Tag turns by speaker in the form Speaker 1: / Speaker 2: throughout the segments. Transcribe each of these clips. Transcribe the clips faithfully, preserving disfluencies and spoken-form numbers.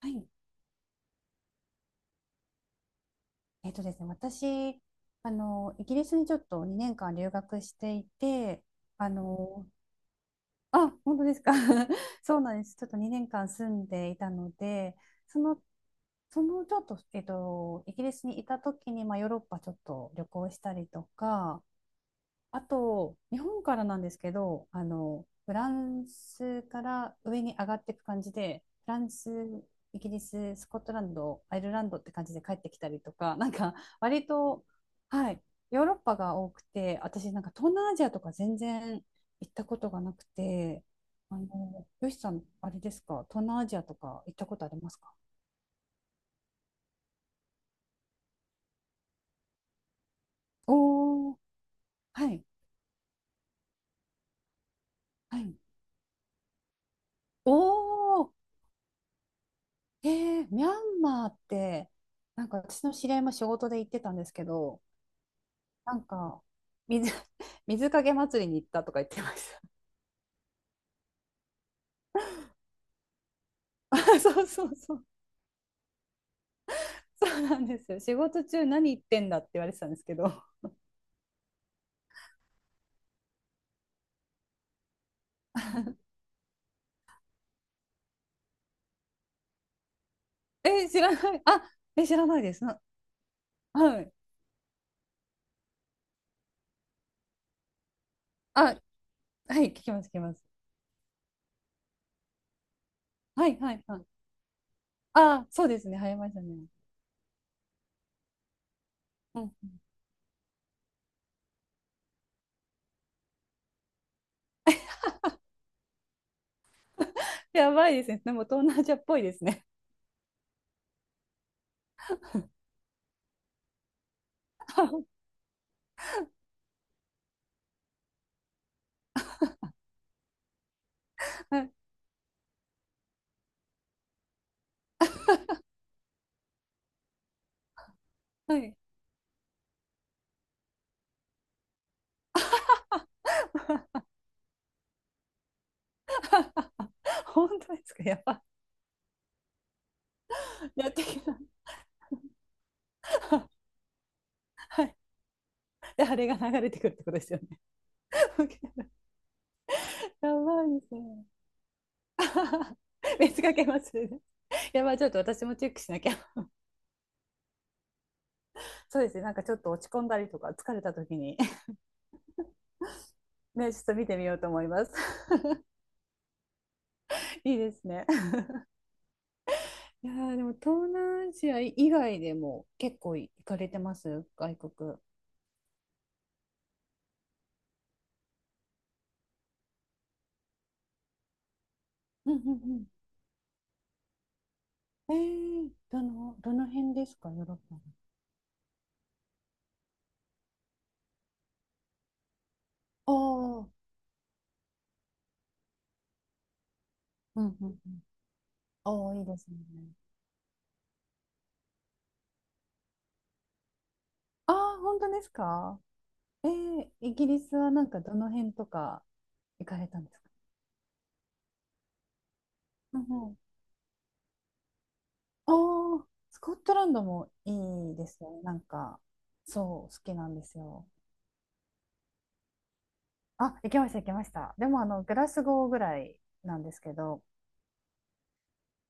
Speaker 1: はい。えっとですね、私、あの、イギリスにちょっとにねんかん留学していて、あの、あ、本当ですか？そうなんです。ちょっとにねんかん住んでいたので、その、そのちょっと、えっと、イギリスにいた時に、まあ、ヨーロッパちょっと旅行したりとか、あと、日本からなんですけど、あの、フランスから上に上がっていく感じで、フランス、イギリス、スコットランド、アイルランドって感じで帰ってきたりとか、なんか割と、はい、ヨーロッパが多くて、私なんか東南アジアとか全然行ったことがなくて、あの、よしさん、あれですか、東南アジアとか行ったことありますか？おー、はい、はい。おー、えー、ミャンマーって、なんか私の知り合いも仕事で行ってたんですけど、なんか、水、水かけ祭りに行ったとか言ってました。あ、そうそうそう。そうなんですよ。仕事中何言ってんだって言われてたんですけど。え、知らない。あ、え、知らないです。なはい。あ、はい、聞きます、聞きます。はい、はい、はい。あ、そうですね。入りましたね。うん。やばいですね。でも東南アジアっぽいですね。はい。はい。本当ですか？やば。やってきた。はい。で、あれが流れてくるってことですよね。やばいですね。別かけますね。やばい、ちょっと私もチェックしなきゃ。そうですね、なんかちょっと落ち込んだりとか、疲れた時に。 ね、ちょっと見てみようと思います。いいですね。いやーでも東南アジア以外でも結構行かれてます外国？うんうんうん。えー、どの、どの辺ですかヨーロッパの？ああ、うんうんうん。ああ、いいですね。ああ、本当ですか？えー、イギリスはなんかどの辺とか行かれたんですか？うんうん。ああ、スコットランドもいいですね。なんか、そう、好きなんですよ。あ、行きました、行きました。でも、あの、グラスゴーぐらいなんですけど、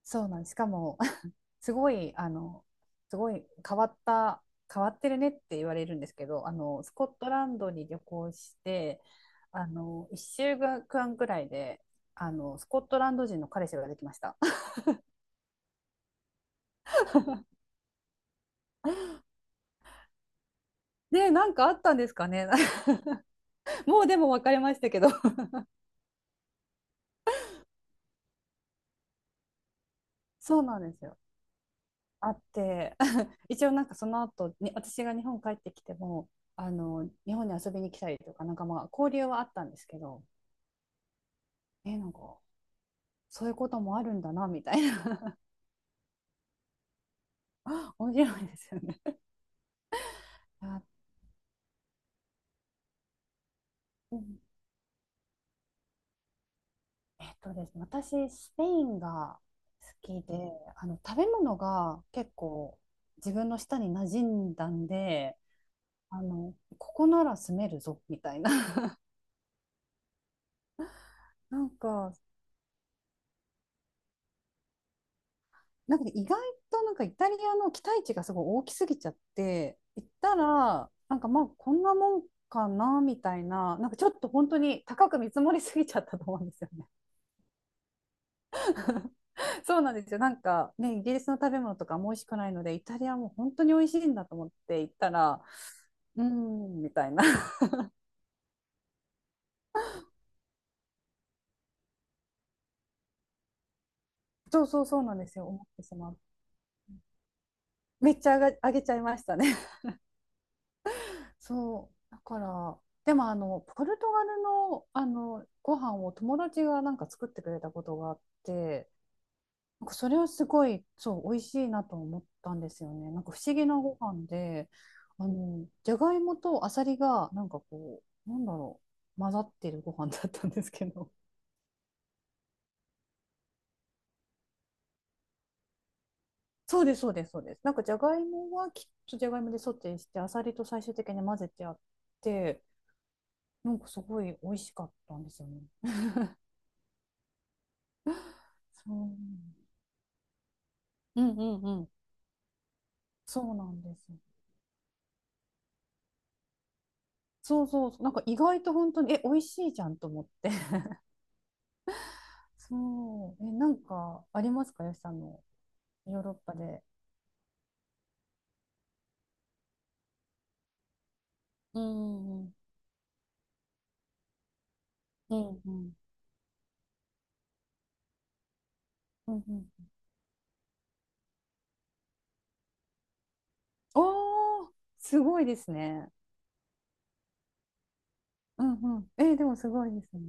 Speaker 1: そうなんです。しかも、すごい、あの、すごい変わった、変わってるねって言われるんですけど、あの、スコットランドに旅行して、あの、いっしゅうかんくらいで、あの、スコットランド人の彼氏ができました。でなんかあったんですかね。もうでも別れましたけど。そうなんですよ。あって、一応なんかその後に私が日本帰ってきても、あの、日本に遊びに来たりとか、なんかまあ交流はあったんですけど、え、なんかそういうこともあるんだな、みたいな。面白いですよね。あ、うん。えっとですね、私、スペインが好きで、あの、食べ物が結構自分の舌に馴染んだんで、あの、ここなら住めるぞ、みたいな。なんか、なんか、ね意外となんかイタリアの期待値がすごい大きすぎちゃって、行ったら、なんかまあこんなもんかなみたいな、なんかちょっと本当に高く見積もりすぎちゃったと思うんですよね。そうなんですよ。なんかね、イギリスの食べ物とかも美味しくないので、イタリアも本当に美味しいんだと思って行ったら、うーん、みたいな。そうそうそうなんですよ。思ってしまう。めっちゃ上が、上げちゃいましたね。そうだからでもあのポルトガルのあのご飯を友達がなんか作ってくれたことがあって、なんかそれはすごいそう美味しいなと思ったんですよね。なんか不思議なご飯で、あのじゃがいもとあさりがなんかこうなんだろう混ざってるご飯だったんですけど。 そうですそうですそうです。なんかじゃがいもはきっとじゃがいもでソテーしてあさりと最終的に混ぜてあって、なんかすごい美味しかったんですよね。そう。うんうんうん。そうなんです。そうそうそう、なんか意外と本当に、え、美味しいじゃんと思って。そう、え、なんかありますか、よしさんのヨーロッパで？うんうん。うんうん。うんうん。おー、すごいですね。うんうん。えー、でもすごいですね。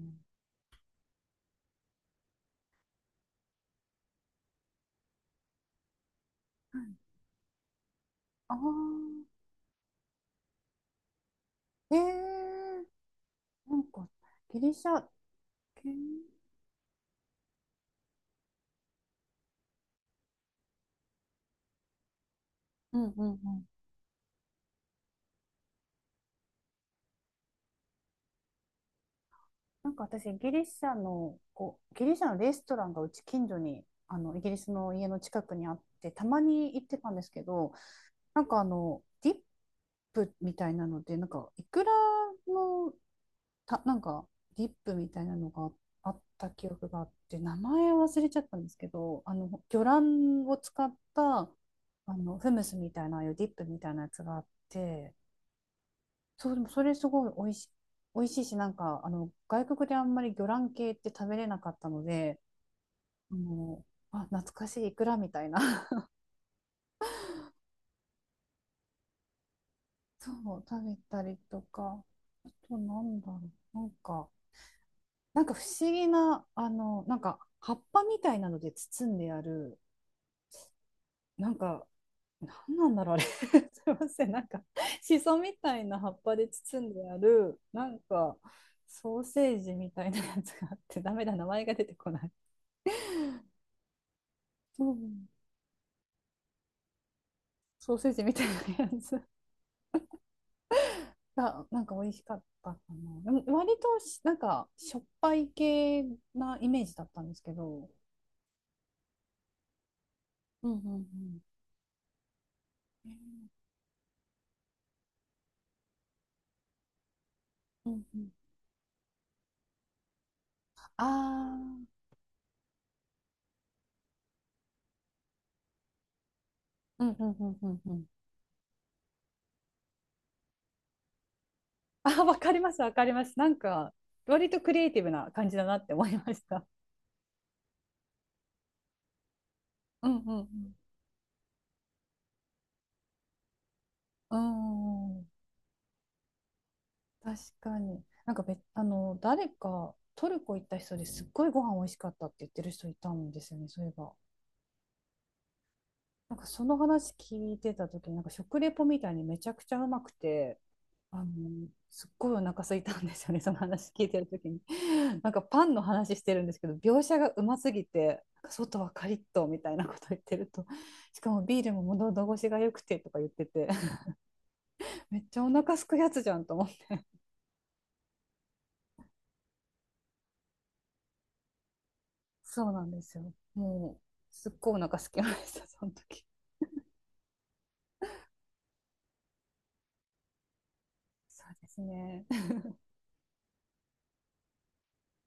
Speaker 1: ああ、えー、なんかギリシャ系、うんうんうん。なんか私、ギリシャの、こう、ギリシャのレストランがうち近所に、あの、イギリスの家の近くにあって、たまに行ってたんですけど、なんかあの、ディップみたいなので、なんか、いくらの、た、なんか、ディップみたいなのがあった記憶があって、名前忘れちゃったんですけど、あの、魚卵を使った、あの、フムスみたいな、ああいうディップみたいなやつがあって、そう、でもそれすごい美味し、美味しいし、なんか、あの、外国であんまり魚卵系って食べれなかったので、あの、あ、懐かしいイクラみたいな。そう、食べたりとか、あとなんだろう、なんか、なんか不思議な、あの、なんか葉っぱみたいなので包んである、なんか、なんなんだろう、あれ。すいません、なんか、シソみたいな葉っぱで包んである、なんか、ソーセージみたいなやつがあって、ダメだ、名前が出てこない。うん、ソーセージみたいなやつが、なんか美味しかったかな。でも割とし、なんか、しょっぱい系なイメージだったんですけど。うんうんうん。うんうん。ああ、うんうんうんうんうん。あ、わかります、わかります。なんか、割とクリエイティブな感じだなって思いました。うんうんうん。うーん、確かに。なんかべ、あの、誰か、トルコ行った人ですっごいご飯美味しかったって言ってる人いたんですよね、そういえば。なんかその話聞いてた時になんか食レポみたいにめちゃくちゃうまくて、あのすっごいお腹空いたんですよね、その話聞いてる時に。 なんかパンの話してるんですけど、描写がうますぎて、なんか外はカリッとみたいなこと言ってると、 しかもビールも喉越しが良くてとか言ってて、 めっちゃお腹すくやつじゃんと思って。そうなんですよ、もうすっごいお腹すきましたその時。そうですね。